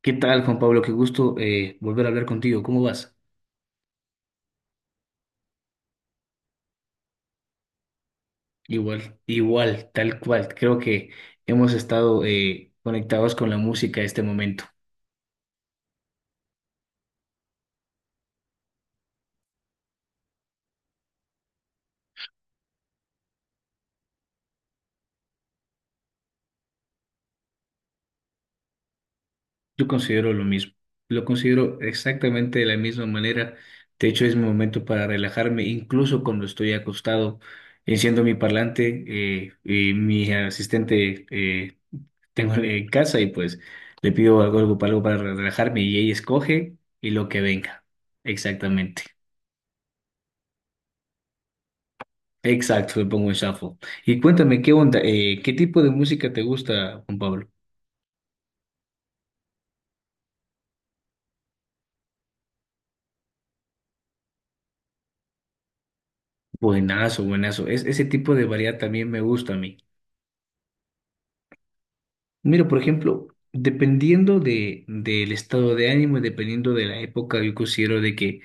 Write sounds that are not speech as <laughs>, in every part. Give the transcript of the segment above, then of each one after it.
¿Qué tal, Juan Pablo? Qué gusto volver a hablar contigo. ¿Cómo vas? Igual, igual, tal cual. Creo que hemos estado conectados con la música este momento. Yo considero lo mismo. Lo considero exactamente de la misma manera. De hecho, es mi momento para relajarme, incluso cuando estoy acostado. Enciendo mi parlante y mi asistente tengo en casa y pues le pido algo para relajarme y ella escoge y lo que venga. Exactamente. Exacto, le pongo en shuffle. Y cuéntame, ¿qué onda? ¿Qué tipo de música te gusta, Juan Pablo? Buenazo, buenazo. Es, ese tipo de variedad también me gusta a mí. Mira, por ejemplo, dependiendo del estado de ánimo y dependiendo de la época, yo considero de que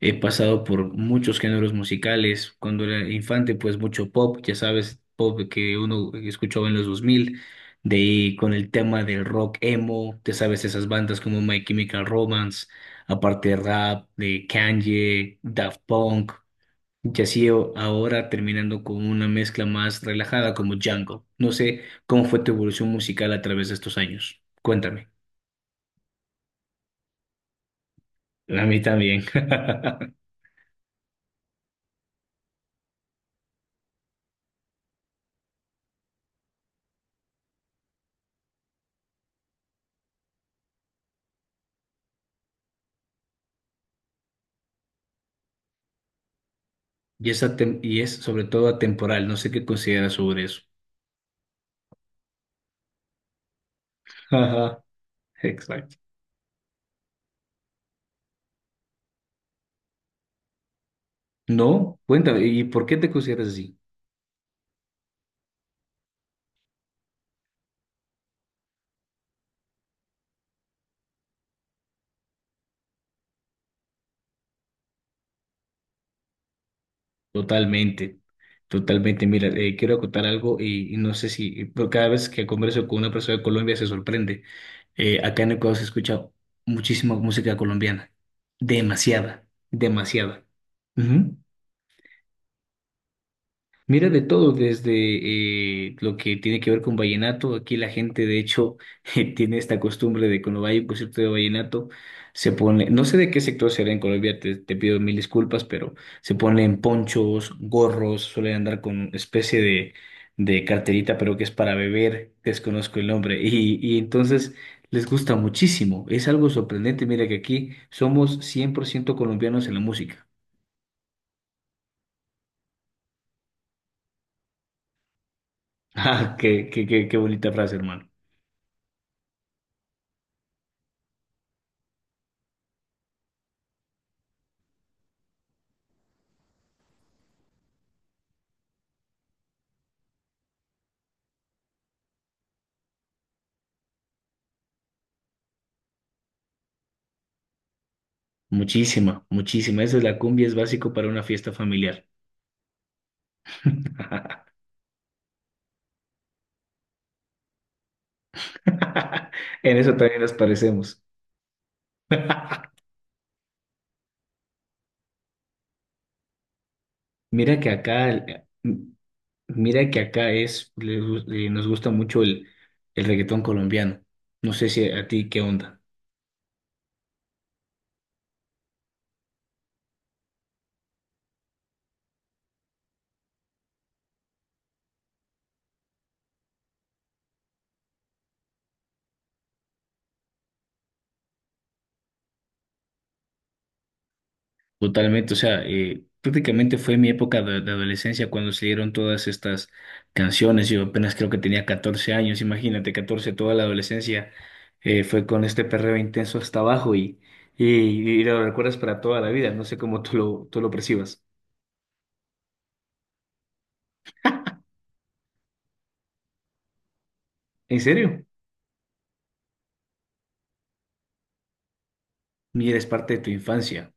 he pasado por muchos géneros musicales. Cuando era infante, pues mucho pop, ya sabes, pop que uno escuchaba en los 2000, de ahí con el tema del rock emo, te sabes esas bandas como My Chemical Romance, aparte rap, de Kanye, Daft Punk. Y así ahora terminando con una mezcla más relajada como Django. No sé cómo fue tu evolución musical a través de estos años. Cuéntame. A mí también. <laughs> Y es, y es sobre todo atemporal. No sé qué consideras sobre eso. Ajá, exacto. No, cuéntame. ¿Y por qué te consideras así? Totalmente, totalmente. Mira, quiero contar algo y no sé si, pero cada vez que converso con una persona de Colombia se sorprende. Acá en Ecuador se escucha muchísima música colombiana, demasiada, demasiada. Ujú. Mira de todo, desde lo que tiene que ver con vallenato. Aquí la gente, de hecho, <laughs> tiene esta costumbre de cuando hay un concierto de vallenato, se pone, no sé de qué sector será en Colombia, te pido mil disculpas, pero se ponen ponchos, gorros, suelen andar con especie de carterita, pero que es para beber, desconozco el nombre. Y entonces les gusta muchísimo. Es algo sorprendente. Mira que aquí somos 100% colombianos en la música. <laughs> Ah, qué, qué, qué, qué bonita frase, hermano. Muchísima, muchísima. Eso es la cumbia, es básico para una fiesta familiar. <laughs> En eso también nos parecemos. <laughs> Mira que acá, mira que acá es, nos gusta mucho el reggaetón colombiano. No sé si a ti qué onda. Totalmente, o sea, prácticamente fue mi época de adolescencia cuando salieron todas estas canciones. Yo apenas creo que tenía 14 años, imagínate, 14, toda la adolescencia fue con este perreo intenso hasta abajo y lo recuerdas para toda la vida. No sé cómo tú lo percibas. ¿En serio? Mira, es parte de tu infancia.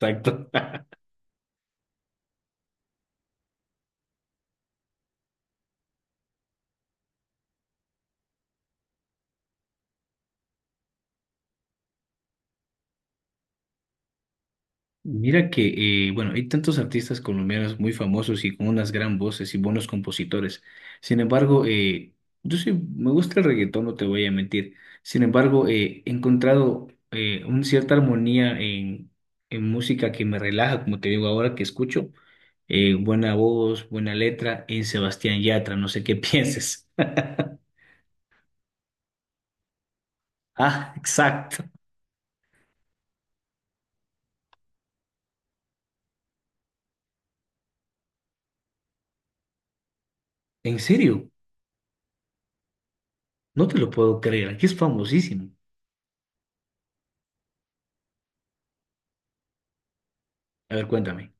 Exacto. Mira que, bueno, hay tantos artistas colombianos muy famosos y con unas gran voces y buenos compositores. Sin embargo, yo sí me gusta el reggaetón, no te voy a mentir. Sin embargo, he encontrado una cierta armonía en música que me relaja, como te digo ahora que escucho. Buena voz, buena letra en Sebastián Yatra, no sé qué <laughs> pienses. Ah, exacto. ¿En serio? No te lo puedo creer, aquí es famosísimo. A ver, cuéntame.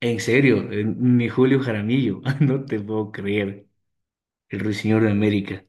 En serio, mi Julio Jaramillo, <laughs> no te puedo creer, el ruiseñor de América.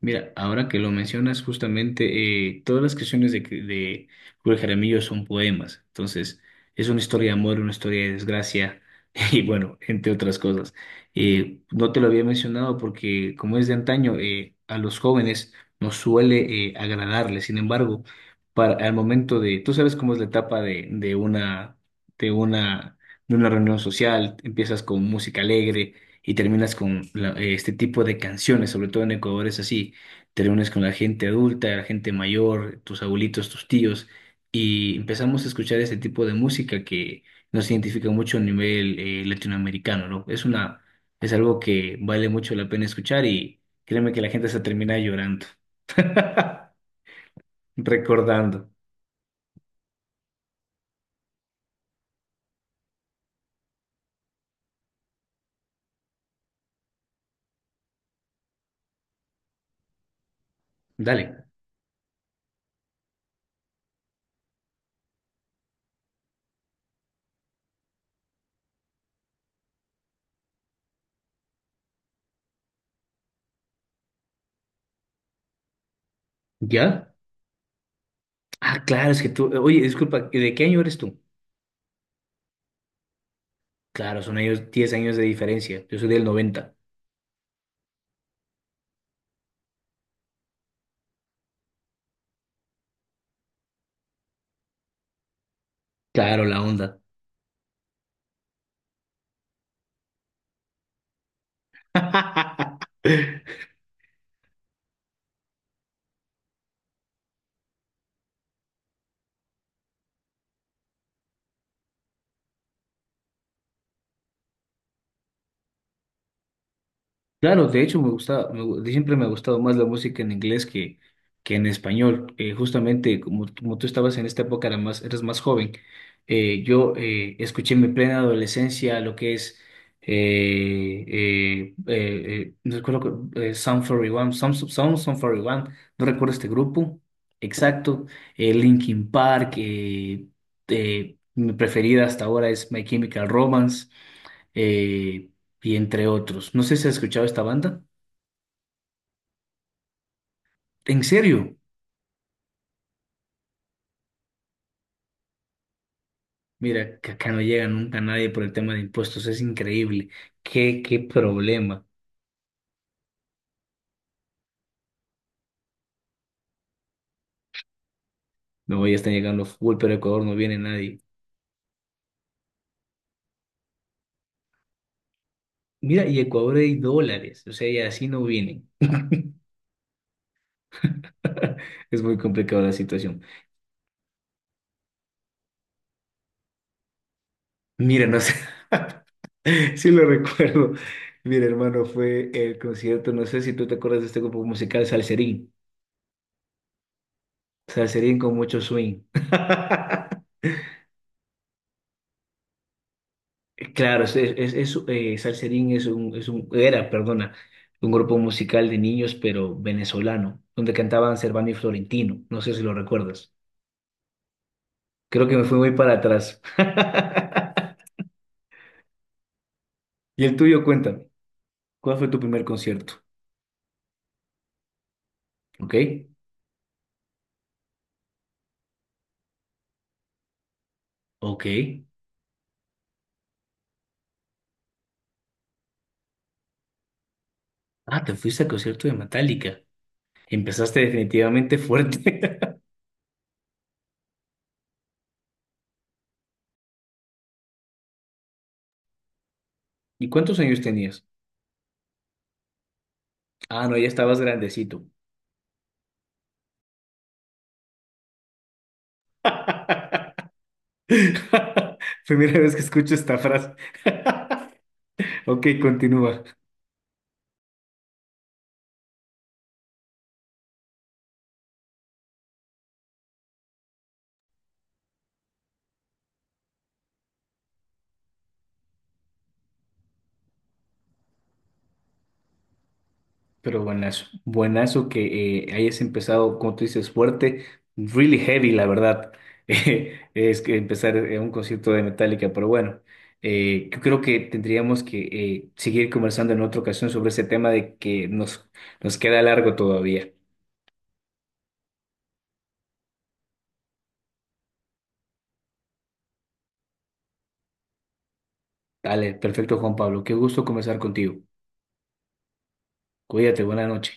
Mira, ahora que lo mencionas, justamente todas las canciones de Julio Jaramillo son poemas. Entonces, es una historia de amor, una historia de desgracia <laughs> y bueno, entre otras cosas. No te lo había mencionado porque como es de antaño, a los jóvenes nos suele agradarle. Sin embargo, para, al momento de, tú sabes cómo es la etapa de, de una, de una reunión social, empiezas con música alegre y terminas con este tipo de canciones. Sobre todo en Ecuador es así: te reúnes con la gente adulta, la gente mayor, tus abuelitos, tus tíos, y empezamos a escuchar ese tipo de música que nos identifica mucho a nivel latinoamericano, ¿no? Es una, es algo que vale mucho la pena escuchar y créeme que la gente se termina llorando, <laughs> recordando. Dale. ¿Ya? Ah, claro, es que tú, oye, disculpa, ¿de qué año eres tú? Claro, son años, 10 años de diferencia, yo soy del noventa. Claro, la onda. <laughs> Claro, de hecho me gusta, siempre me ha gustado más la música en inglés que en español. Justamente como tú estabas en esta época, era más, eras más joven. Yo escuché en mi plena adolescencia lo que es, eh, eh, no recuerdo, Sum 41, Sum 41, no recuerdo este grupo exacto. Linkin Park, mi preferida hasta ahora es My Chemical Romance eh, y entre otros. No sé si has escuchado esta banda. ¿En serio? Mira, que acá no llega nunca nadie por el tema de impuestos. Es increíble. ¿Qué, qué problema? No, ya están llegando full, pero a Ecuador no viene nadie. Mira, y Ecuador hay dólares. O sea, y así no vienen. <laughs> Es muy complicada la situación. Mira, no sé. <laughs> Sí lo recuerdo. Mira, hermano, fue el concierto. No sé si tú te acuerdas de este grupo musical, Salserín. Salserín con mucho swing. <laughs> Claro, es, Salserín es un, era, perdona, un grupo musical de niños, pero venezolano, donde cantaban Servando y Florentino. No sé si lo recuerdas. Creo que me fui muy para atrás. <laughs> Y el tuyo, cuéntame, ¿cuál fue tu primer concierto? ¿Ok? Ok. Ah, te fuiste al concierto de Metallica. Empezaste definitivamente fuerte. <laughs> ¿Y cuántos años tenías? Ah, no, ya estabas grandecito. <laughs> Primera vez que escucho esta frase. <laughs> Ok, continúa. Pero buenazo, buenazo que hayas empezado, como tú dices, fuerte, really heavy, la verdad. <laughs> Es que empezar un concierto de Metallica, pero bueno, yo creo que tendríamos que seguir conversando en otra ocasión sobre ese tema de que nos, nos queda largo todavía. Dale, perfecto, Juan Pablo. Qué gusto conversar contigo. Cuídate, buena noche.